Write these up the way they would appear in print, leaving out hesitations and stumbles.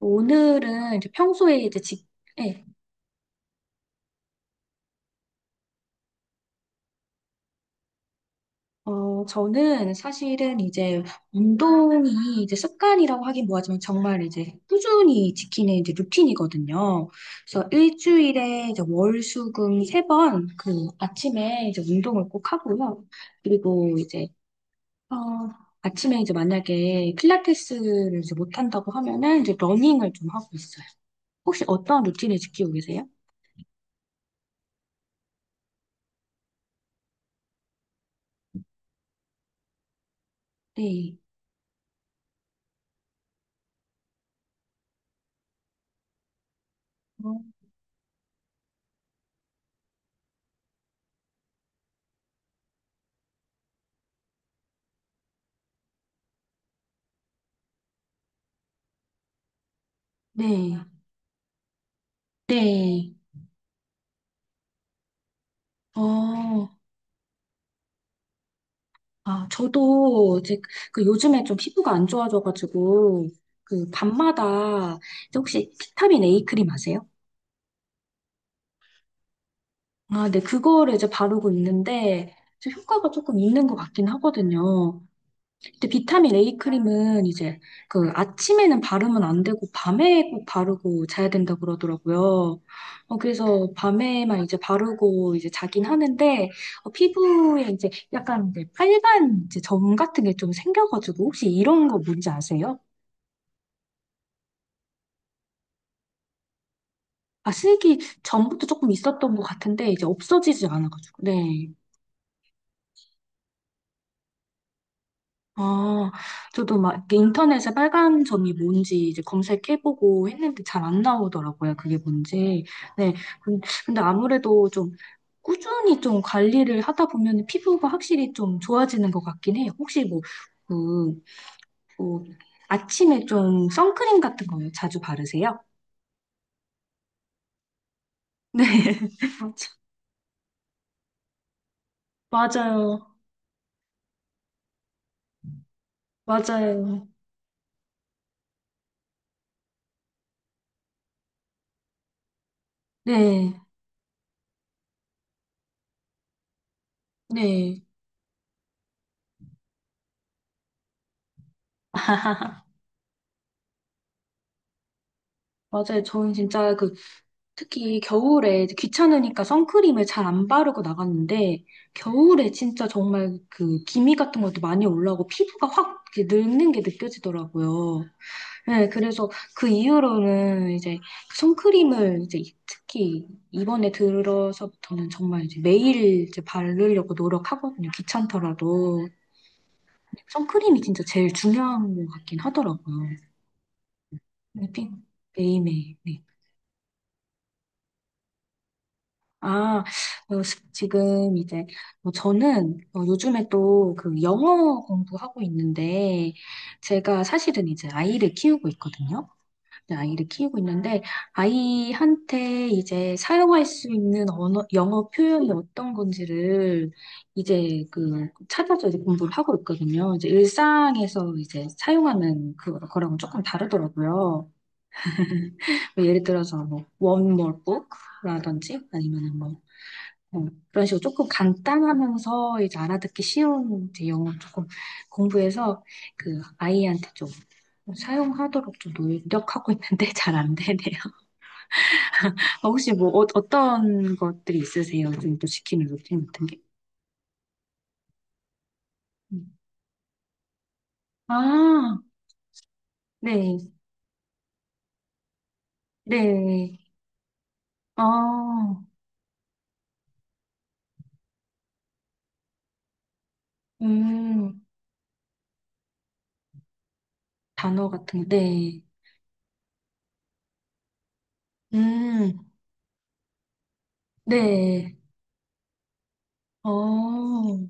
오늘은 이제 평소에 이제 예, 저는 사실은 이제 운동이 이제 습관이라고 하긴 뭐하지만 정말 이제 꾸준히 지키는 이제 루틴이거든요. 그래서 일주일에 이제 월, 수, 금 세 번 그 아침에 이제 운동을 꼭 하고요. 그리고 이제, 어, 아침에 이제 만약에 필라테스를 이제 못한다고 하면은 이제 러닝을 좀 하고 있어요. 혹시 어떤 루틴을 지키고 계세요? 네. 어, 네. 네. 어, 아, 저도 이제 그 요즘에 좀 피부가 안 좋아져가지고 그 밤마다 이제 혹시 비타민 A 크림 아세요? 아, 네, 그거를 이제 바르고 있는데 이제 효과가 조금 있는 것 같긴 하거든요. 근데 비타민 A 크림은 이제 그 아침에는 바르면 안 되고 밤에 꼭 바르고 자야 된다고 그러더라고요. 그래서 밤에만 이제 바르고 이제 자긴 하는데 피부에 이제 약간 이제 빨간 이제 점 같은 게 좀 생겨가지고 혹시 이런 거 뭔지 아세요? 아, 쓰기 전부터 조금 있었던 것 같은데 이제 없어지지 않아가지고. 네. 아, 저도 막 이렇게 인터넷에 빨간 점이 뭔지 이제 검색해보고 했는데 잘 안 나오더라고요. 그게 뭔지. 네. 근- 근데 아무래도 좀 꾸준히 좀 관리를 하다 보면 피부가 확실히 좀 좋아지는 것 같긴 해요. 혹시 뭐, 그, 뭐, 아침에 좀 선크림 같은 거 자주 바르세요? 네. 맞아. 맞아요. 맞아요. 네. 네. 맞아요. 저는 진짜 그 특히 겨울에 이제 귀찮으니까 선크림을 잘 안 바르고 나갔는데 겨울에 진짜 정말 그 기미 같은 것도 많이 올라오고 피부가 확 이렇게 늙는 게 느껴지더라고요. 네, 그래서 그 이후로는 이제 그 선크림을 이제 특히 이번에 들어서부터는 정말 이제 매일 이제 바르려고 노력하거든요. 귀찮더라도 선크림이 진짜 제일 중요한 것 같긴 하더라고요. 네. 매일매일. 네. 아, 지금 이제, 뭐 저는 요즘에 또 그 영어 공부하고 있는데, 제가 사실은 이제 아이를 키우고 있거든요. 근데 아이를 키우고 있는데, 아이한테 이제 사용할 수 있는 언어, 영어 표현이 어떤 건지를 이제 그 찾아서 이제 공부를 하고 있거든요. 이제 일상에서 이제 사용하는 그, 거랑 조금 다르더라고요. 뭐 예를 들어서 뭐, one more book? 라든지 아니면 어, 그런 식으로 조금 간단하면서 이제 알아듣기 쉬운 이제 영어 조금 공부해서 그 아이한테 좀 사용하도록 좀 노력하고 있는데 잘 안 되네요. 혹시 뭐 떤 것들이 있으세요? 요즘 또 시키는 루틴 같은 게? 음. 아, 네, 네. 아 음, 단어 같은 거, 네. 음, 네. 어,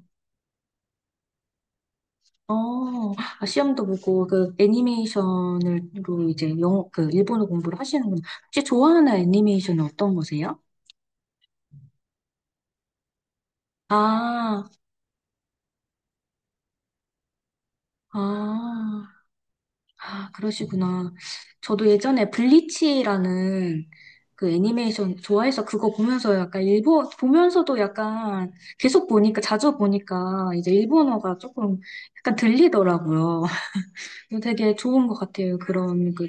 어, 아, 시험도 보고, 그, 애니메이션으로 이제 영어, 그, 일본어 공부를 하시는구나. 혹시 좋아하는 애니메이션은 어떤 거세요? 아, 아, 아, 그러시구나. 저도 예전에 블리치라는 그 애니메이션 좋아해서 그거 보면서 약간 보면서도 약간 계속 보니까, 자주 보니까 이제 일본어가 조금 약간 들리더라고요. 그래서 되게 좋은 것 같아요. 그런 그,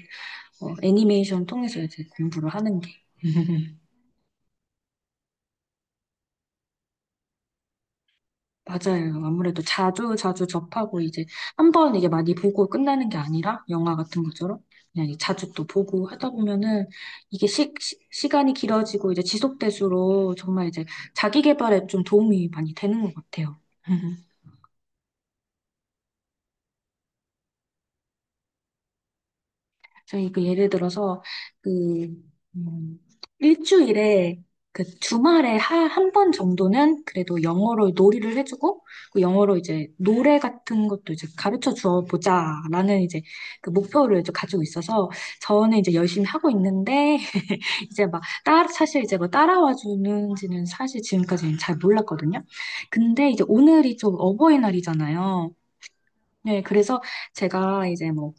애니메이션 통해서 이제 공부를 하는 게. 맞아요. 아무래도 자주 자주 접하고 이제 한번 이게 많이 보고 끝나는 게 아니라 영화 같은 것처럼 그냥 이제 자주 또 보고 하다 보면은 이게 간이 길어지고 이제 지속될수록 정말 이제 자기 개발에 좀 도움이 많이 되는 것 같아요. 저희 그 예를 들어서 그 음, 일주일에 그 주말에 한 번 정도는 그래도 영어로 놀이를 해주고 그 영어로 이제 노래 같은 것도 이제 가르쳐 주어 보자라는 이제 그 목표를 이제 가지고 있어서 저는 이제 열심히 하고 있는데 이제 막 따라 사실 이제 뭐 따라와 주는지는 사실 지금까지는 잘 몰랐거든요. 근데 이제 오늘이 좀 어버이날이잖아요. 네, 그래서 제가 이제 뭐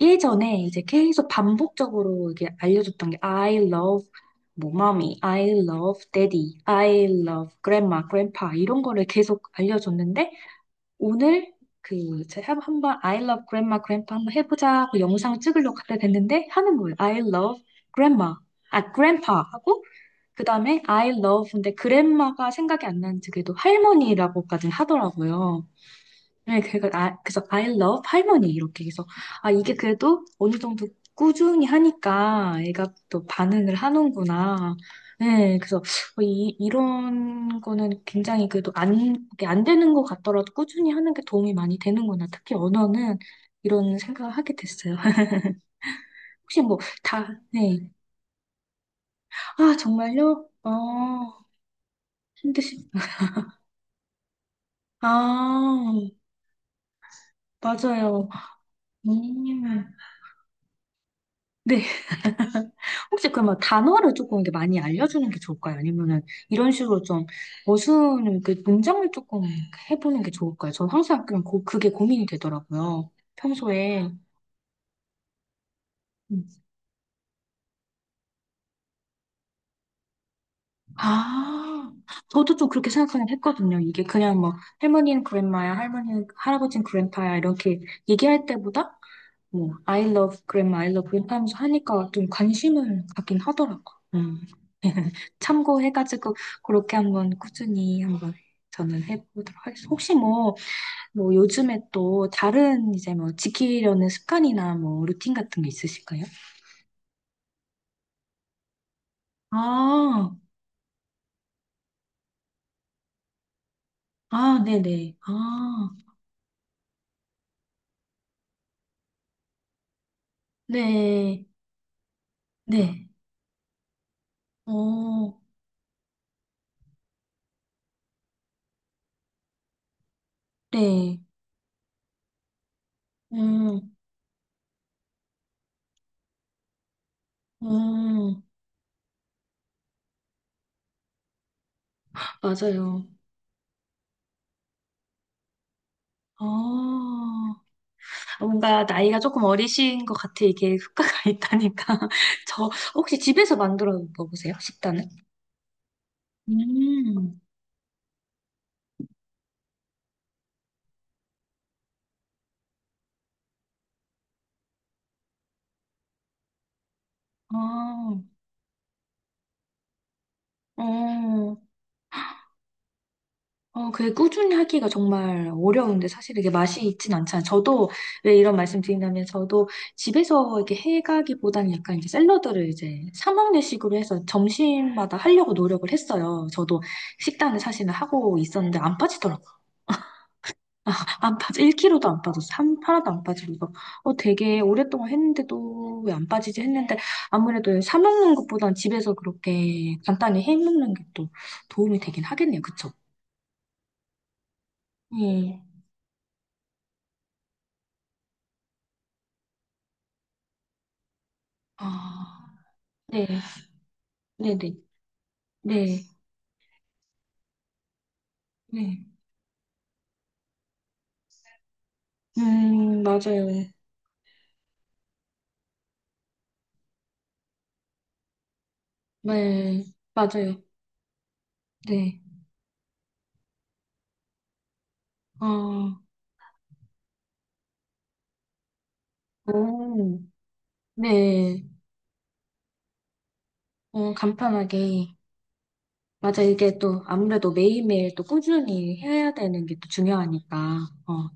예전에 이제 계속 반복적으로 이게 알려줬던 게 I love 뭐 mommy, I love daddy, I love grandma, grandpa 이런 거를 계속 알려줬는데 오늘 그 제가 한번 I love grandma, grandpa 한번 해보자 하고 영상 찍으려고 갖다 댔는데 하는 거예요. I love grandma, 아 grandpa 하고 그 다음에 I love 근데 grandma가 생각이 안 나는지 그래도 할머니라고까지 하더라고요. 네, 그래서, 아, 그래서 I love 할머니 이렇게 해서 아 이게 그래도 어느 정도 꾸준히 하니까 애가 또 반응을 하는구나. 네, 그래서 이 이런 거는 굉장히 그래도 안, 이게 안 되는 것 같더라도 꾸준히 하는 게 도움이 많이 되는구나. 특히 언어는 이런 생각을 하게 됐어요. 혹시 뭐 네. 아 정말요? 힘드시. 아 맞아요. 음. 네. 혹시 그러면 단어를 조금 이렇게 많이 알려주는 게 좋을까요? 아니면은 이런 식으로 좀 어순을, 그 문장을 조금 해보는 게 좋을까요? 저는 항상 그냥 그게 고민이 되더라고요. 평소에. 음. 아, 저도 좀 그렇게 생각하긴 했거든요. 이게 그냥 뭐 할머니는 그랜마야, 할머니는 할아버지는 그랜파야 이렇게 얘기할 때보다 뭐 I love grandma, I love grandpa 하면서 하니까 좀 관심을 갖긴 하더라고. 음. 참고해가지고 그렇게 한번 꾸준히 한번 저는 해보도록 하겠습니다. 혹시 뭐 요즘에 또 다른 이제 뭐 지키려는 습관이나 뭐 루틴 같은 게 있으실까요? 아, 아, 네네. 아, 네, 네. 어, 네. 음, 음, 맞아요. 아. 뭔가 나이가 조금 어리신 것 같아. 이게 효과가 있다니까. 저 혹시 집에서 만들어 먹으세요? 식단을? 음. 아, 어, 그게 꾸준히 하기가 정말 어려운데 사실 이게 맛이 있진 않잖아요. 저도 왜 이런 말씀 드린다면 저도 집에서 이렇게 해가기보다는 약간 이제 샐러드를 이제 사 먹는 식으로 해서 점심마다 하려고 노력을 했어요. 저도 식단을 사실은 하고 있었는데 안 빠지더라고요. 안 빠져. 1kg도 안 빠졌어. 한 하나도 안 빠지고 되게 오랫동안 했는데도 왜 안 빠지지 했는데 아무래도 사 먹는 것보단 집에서 그렇게 간단히 해 먹는 게 또 도움이 되긴 하겠네요. 그쵸? 네. 아, 네. 네네. 네. 네. 맞아요. 네. 맞아요. 네. 아, 오. 네. 간편하게. 맞아. 이게 또 아무래도 매일매일 또 꾸준히 해야 되는 게 또 중요하니까. 어.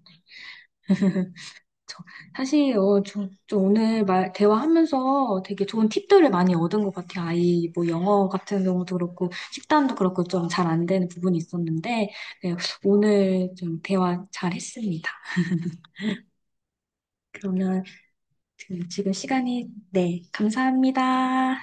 저- 사실 저 오늘 말 대화하면서 되게 좋은 팁들을 많이 얻은 것 같아요. 아이 뭐 영어 같은 경우도 그렇고 식단도 그렇고 좀 잘 안 되는 부분이 있었는데 네, 오늘 좀 대화 잘 했습니다. 그러면 지금 시간이 네, 감사합니다.